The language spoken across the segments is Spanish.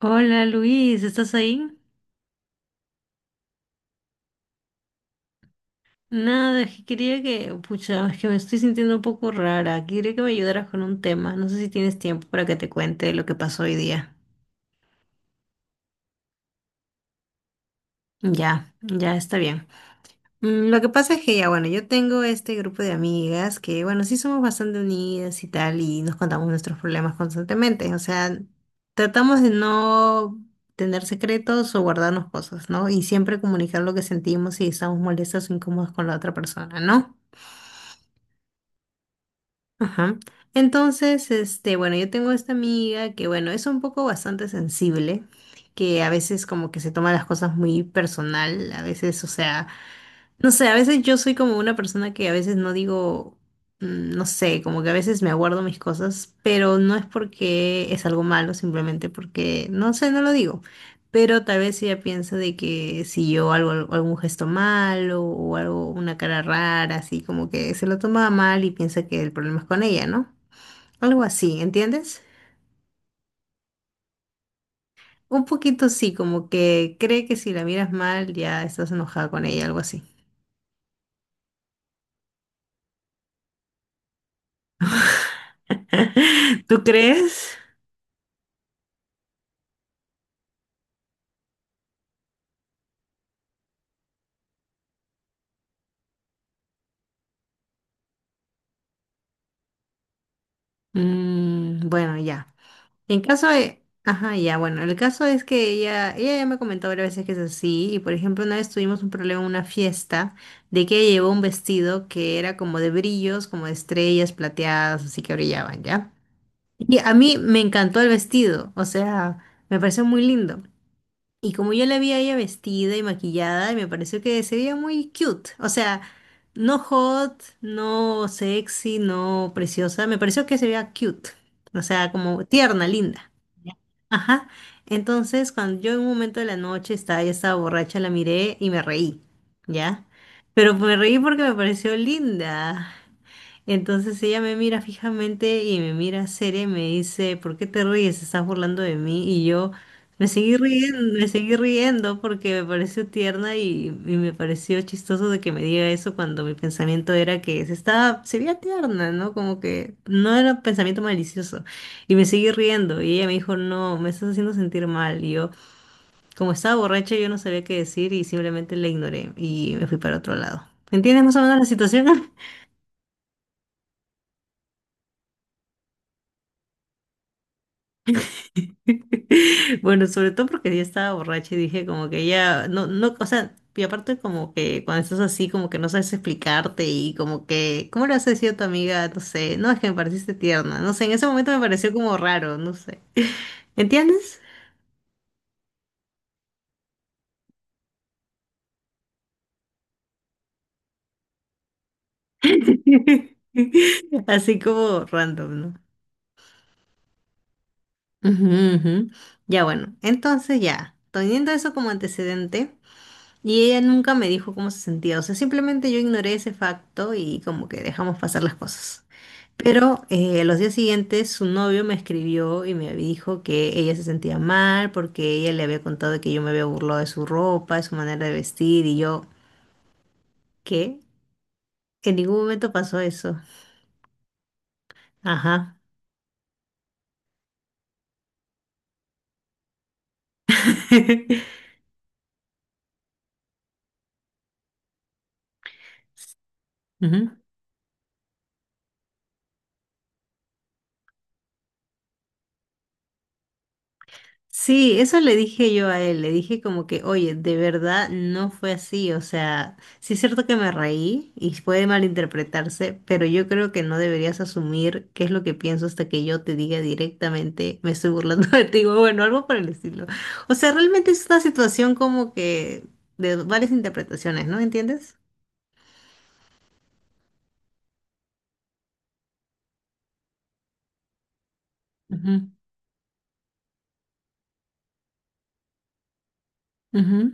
Hola Luis, ¿estás ahí? Nada, es que quería que, pucha, es que me estoy sintiendo un poco rara. Quería que me ayudaras con un tema. No sé si tienes tiempo para que te cuente lo que pasó hoy día. Ya, está bien. Lo que pasa es que ya, bueno, yo tengo este grupo de amigas que, bueno, sí somos bastante unidas y tal, y nos contamos nuestros problemas constantemente. O sea, tratamos de no tener secretos o guardarnos cosas, ¿no? Y siempre comunicar lo que sentimos si estamos molestas o incómodas con la otra persona, ¿no? Ajá. Entonces, este, bueno, yo tengo esta amiga que, bueno, es un poco bastante sensible, que a veces como que se toma las cosas muy personal, a veces, o sea, no sé, a veces yo soy como una persona que a veces no digo, no sé, como que a veces me aguardo mis cosas, pero no es porque es algo malo, simplemente porque, no sé, no lo digo. Pero tal vez ella piensa de que si yo hago algún gesto malo o algo, una cara rara, así como que se lo toma mal y piensa que el problema es con ella, ¿no? Algo así, ¿entiendes? Un poquito sí, como que cree que si la miras mal ya estás enojada con ella, algo así. ¿Tú crees? Mm, bueno, ya. En caso de... Ajá, ya, bueno, el caso es que ella ya me comentó varias veces que es así, y por ejemplo, una vez tuvimos un problema en una fiesta de que ella llevó un vestido que era como de brillos, como de estrellas plateadas, así que brillaban, ¿ya? Y a mí me encantó el vestido, o sea, me pareció muy lindo. Y como yo la vi a ella vestida y maquillada, me pareció que se veía muy cute. O sea, no hot, no sexy, no preciosa. Me pareció que se veía cute. O sea, como tierna, linda. Ajá. Entonces, cuando yo en un momento de la noche estaba, ya estaba borracha, la miré y me reí. ¿Ya? Pero me reí porque me pareció linda. Entonces ella me mira fijamente y me mira seria y me dice, ¿por qué te ríes? Estás burlando de mí. Y yo me seguí riendo porque me pareció tierna y me pareció chistoso de que me diga eso cuando mi pensamiento era que se estaba, se veía tierna, ¿no? Como que no era un pensamiento malicioso. Y me seguí riendo y ella me dijo, no, me estás haciendo sentir mal. Y yo, como estaba borracha, yo no sabía qué decir y simplemente la ignoré y me fui para otro lado. ¿Entiendes más o menos la situación? Bueno, sobre todo porque yo estaba borracha y dije como que ya, no, o sea, y aparte como que cuando estás así como que no sabes explicarte y como que, ¿cómo le has decir a tu amiga? No sé, no, es que me pareciste tierna, no sé, en ese momento me pareció como raro, no sé, ¿entiendes? Así como random, ¿no? Ujú, ujú. Ya bueno, entonces ya, teniendo eso como antecedente. Y ella nunca me dijo cómo se sentía, o sea, simplemente yo ignoré ese facto y como que dejamos pasar las cosas. Pero los días siguientes su novio me escribió y me dijo que ella se sentía mal porque ella le había contado que yo me había burlado de su ropa, de su manera de vestir y yo, ¿qué? En ningún momento pasó eso. Ajá. Ujú. Sí, eso le dije yo a él, le dije como que, oye, de verdad no fue así, o sea, sí es cierto que me reí y puede malinterpretarse, pero yo creo que no deberías asumir qué es lo que pienso hasta que yo te diga directamente, me estoy burlando de ti, o bueno, algo por el estilo. O sea, realmente es una situación como que de varias interpretaciones, ¿no? ¿Entiendes? Ujú, ujú,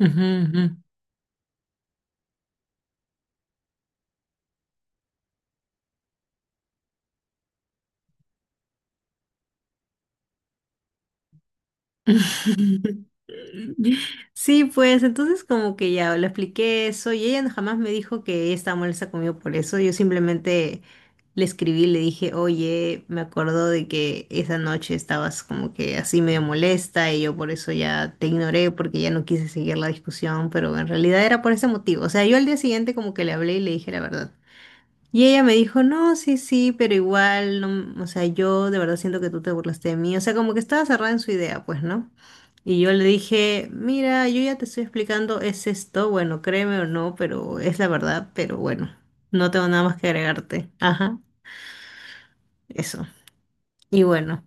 ujú, ujú. Sí, pues entonces como que ya le expliqué eso y ella jamás me dijo que ella estaba molesta conmigo por eso. Yo simplemente le escribí, y le dije, oye, me acuerdo de que esa noche estabas como que así medio molesta y yo por eso ya te ignoré porque ya no quise seguir la discusión, pero en realidad era por ese motivo. O sea, yo al día siguiente como que le hablé y le dije la verdad. Y ella me dijo, no, sí, sí, pero igual, no o sea, yo de verdad siento que tú te burlaste de mí. O sea, como que estaba cerrada en su idea, pues, ¿no? Y yo le dije, mira, yo ya te estoy explicando, es esto, bueno, créeme o no, pero es la verdad, pero bueno, no tengo nada más que agregarte. Ajá, eso. Y bueno.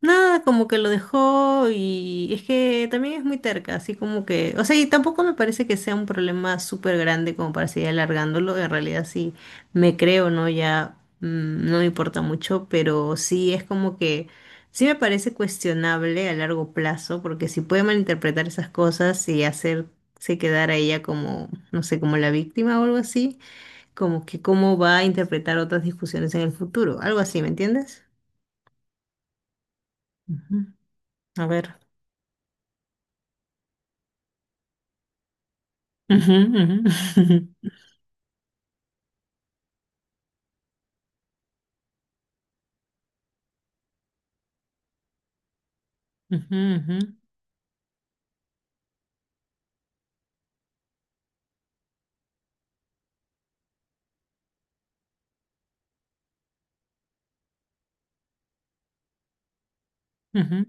Nada, como que lo dejó y es que también es muy terca, así como que, o sea, y tampoco me parece que sea un problema súper grande como para seguir alargándolo, en realidad sí me creo, ¿no? Ya no me importa mucho, pero sí es como que, sí me parece cuestionable a largo plazo, porque si puede malinterpretar esas cosas y hacerse quedar a ella como, no sé, como la víctima o algo así, como que cómo va a interpretar otras discusiones en el futuro, algo así, ¿me entiendes? Ujú. A ver. Ujú, ujú, ujú, ujú, ujú.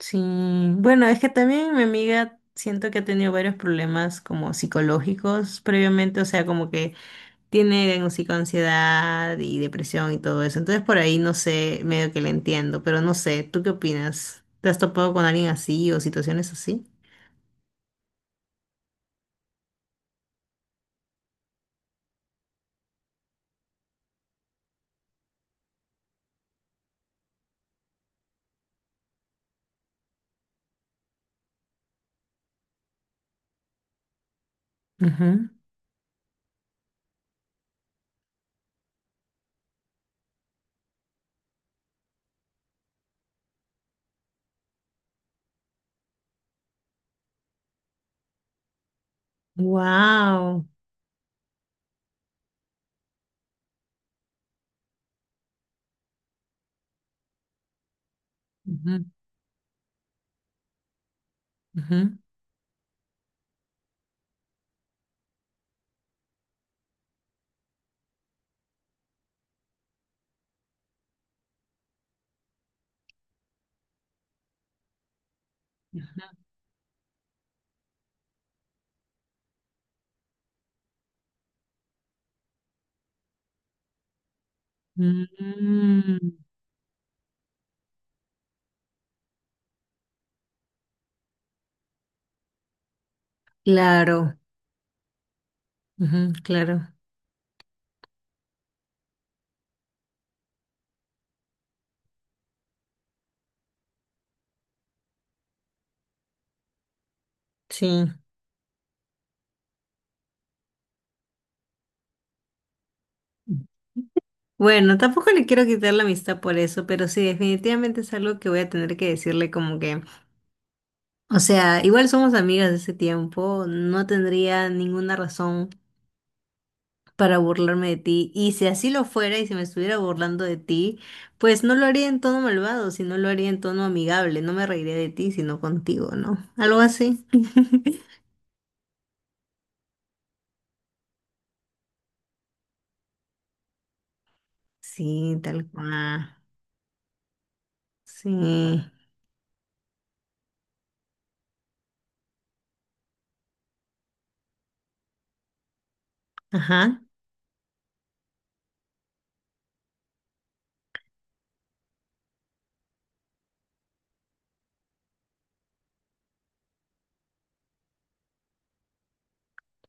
Sí, bueno, es que también mi amiga siento que ha tenido varios problemas como psicológicos previamente, o sea, como que tiene como psicoansiedad y depresión y todo eso. Entonces por ahí no sé, medio que le entiendo, pero no sé, ¿tú qué opinas? ¿Te has topado con alguien así o situaciones así? Wow. Ujú, ujú. Mm, claro, ujú, claro, sí. Bueno, tampoco le quiero quitar la amistad por eso, pero sí, definitivamente es algo que voy a tener que decirle como que, o sea, igual somos amigas de ese tiempo, no tendría ninguna razón para burlarme de ti, y si así lo fuera y si me estuviera burlando de ti, pues no lo haría en tono malvado, sino lo haría en tono amigable, no me reiría de ti, sino contigo, ¿no? Algo así. Sí, tal cual. Sí, ajá,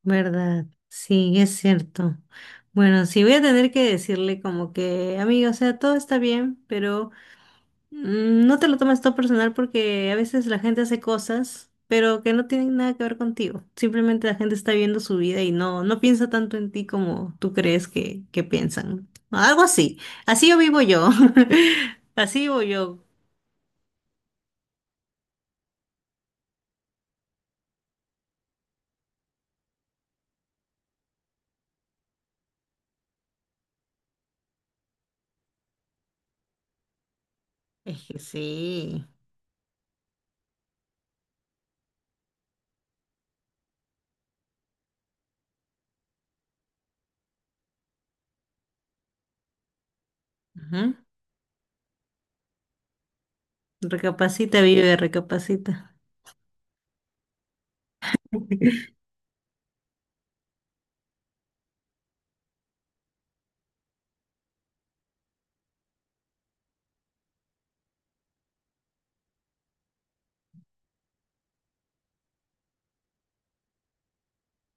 verdad, sí, es cierto. Bueno, sí, voy a tener que decirle como que, amigo, o sea, todo está bien, pero no te lo tomes todo personal porque a veces la gente hace cosas, pero que no tienen nada que ver contigo. Simplemente la gente está viendo su vida y no piensa tanto en ti como tú crees que piensan. Algo así, así yo vivo yo, así vivo yo. Es que sí, ajá. Recapacita, vive, recapacita.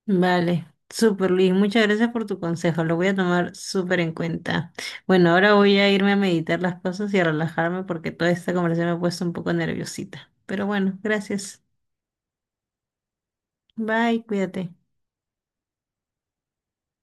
Vale, súper Luis, muchas gracias por tu consejo, lo voy a tomar súper en cuenta. Bueno, ahora voy a irme a meditar las cosas y a relajarme porque toda esta conversación me ha puesto un poco nerviosita. Pero bueno, gracias. Bye, cuídate.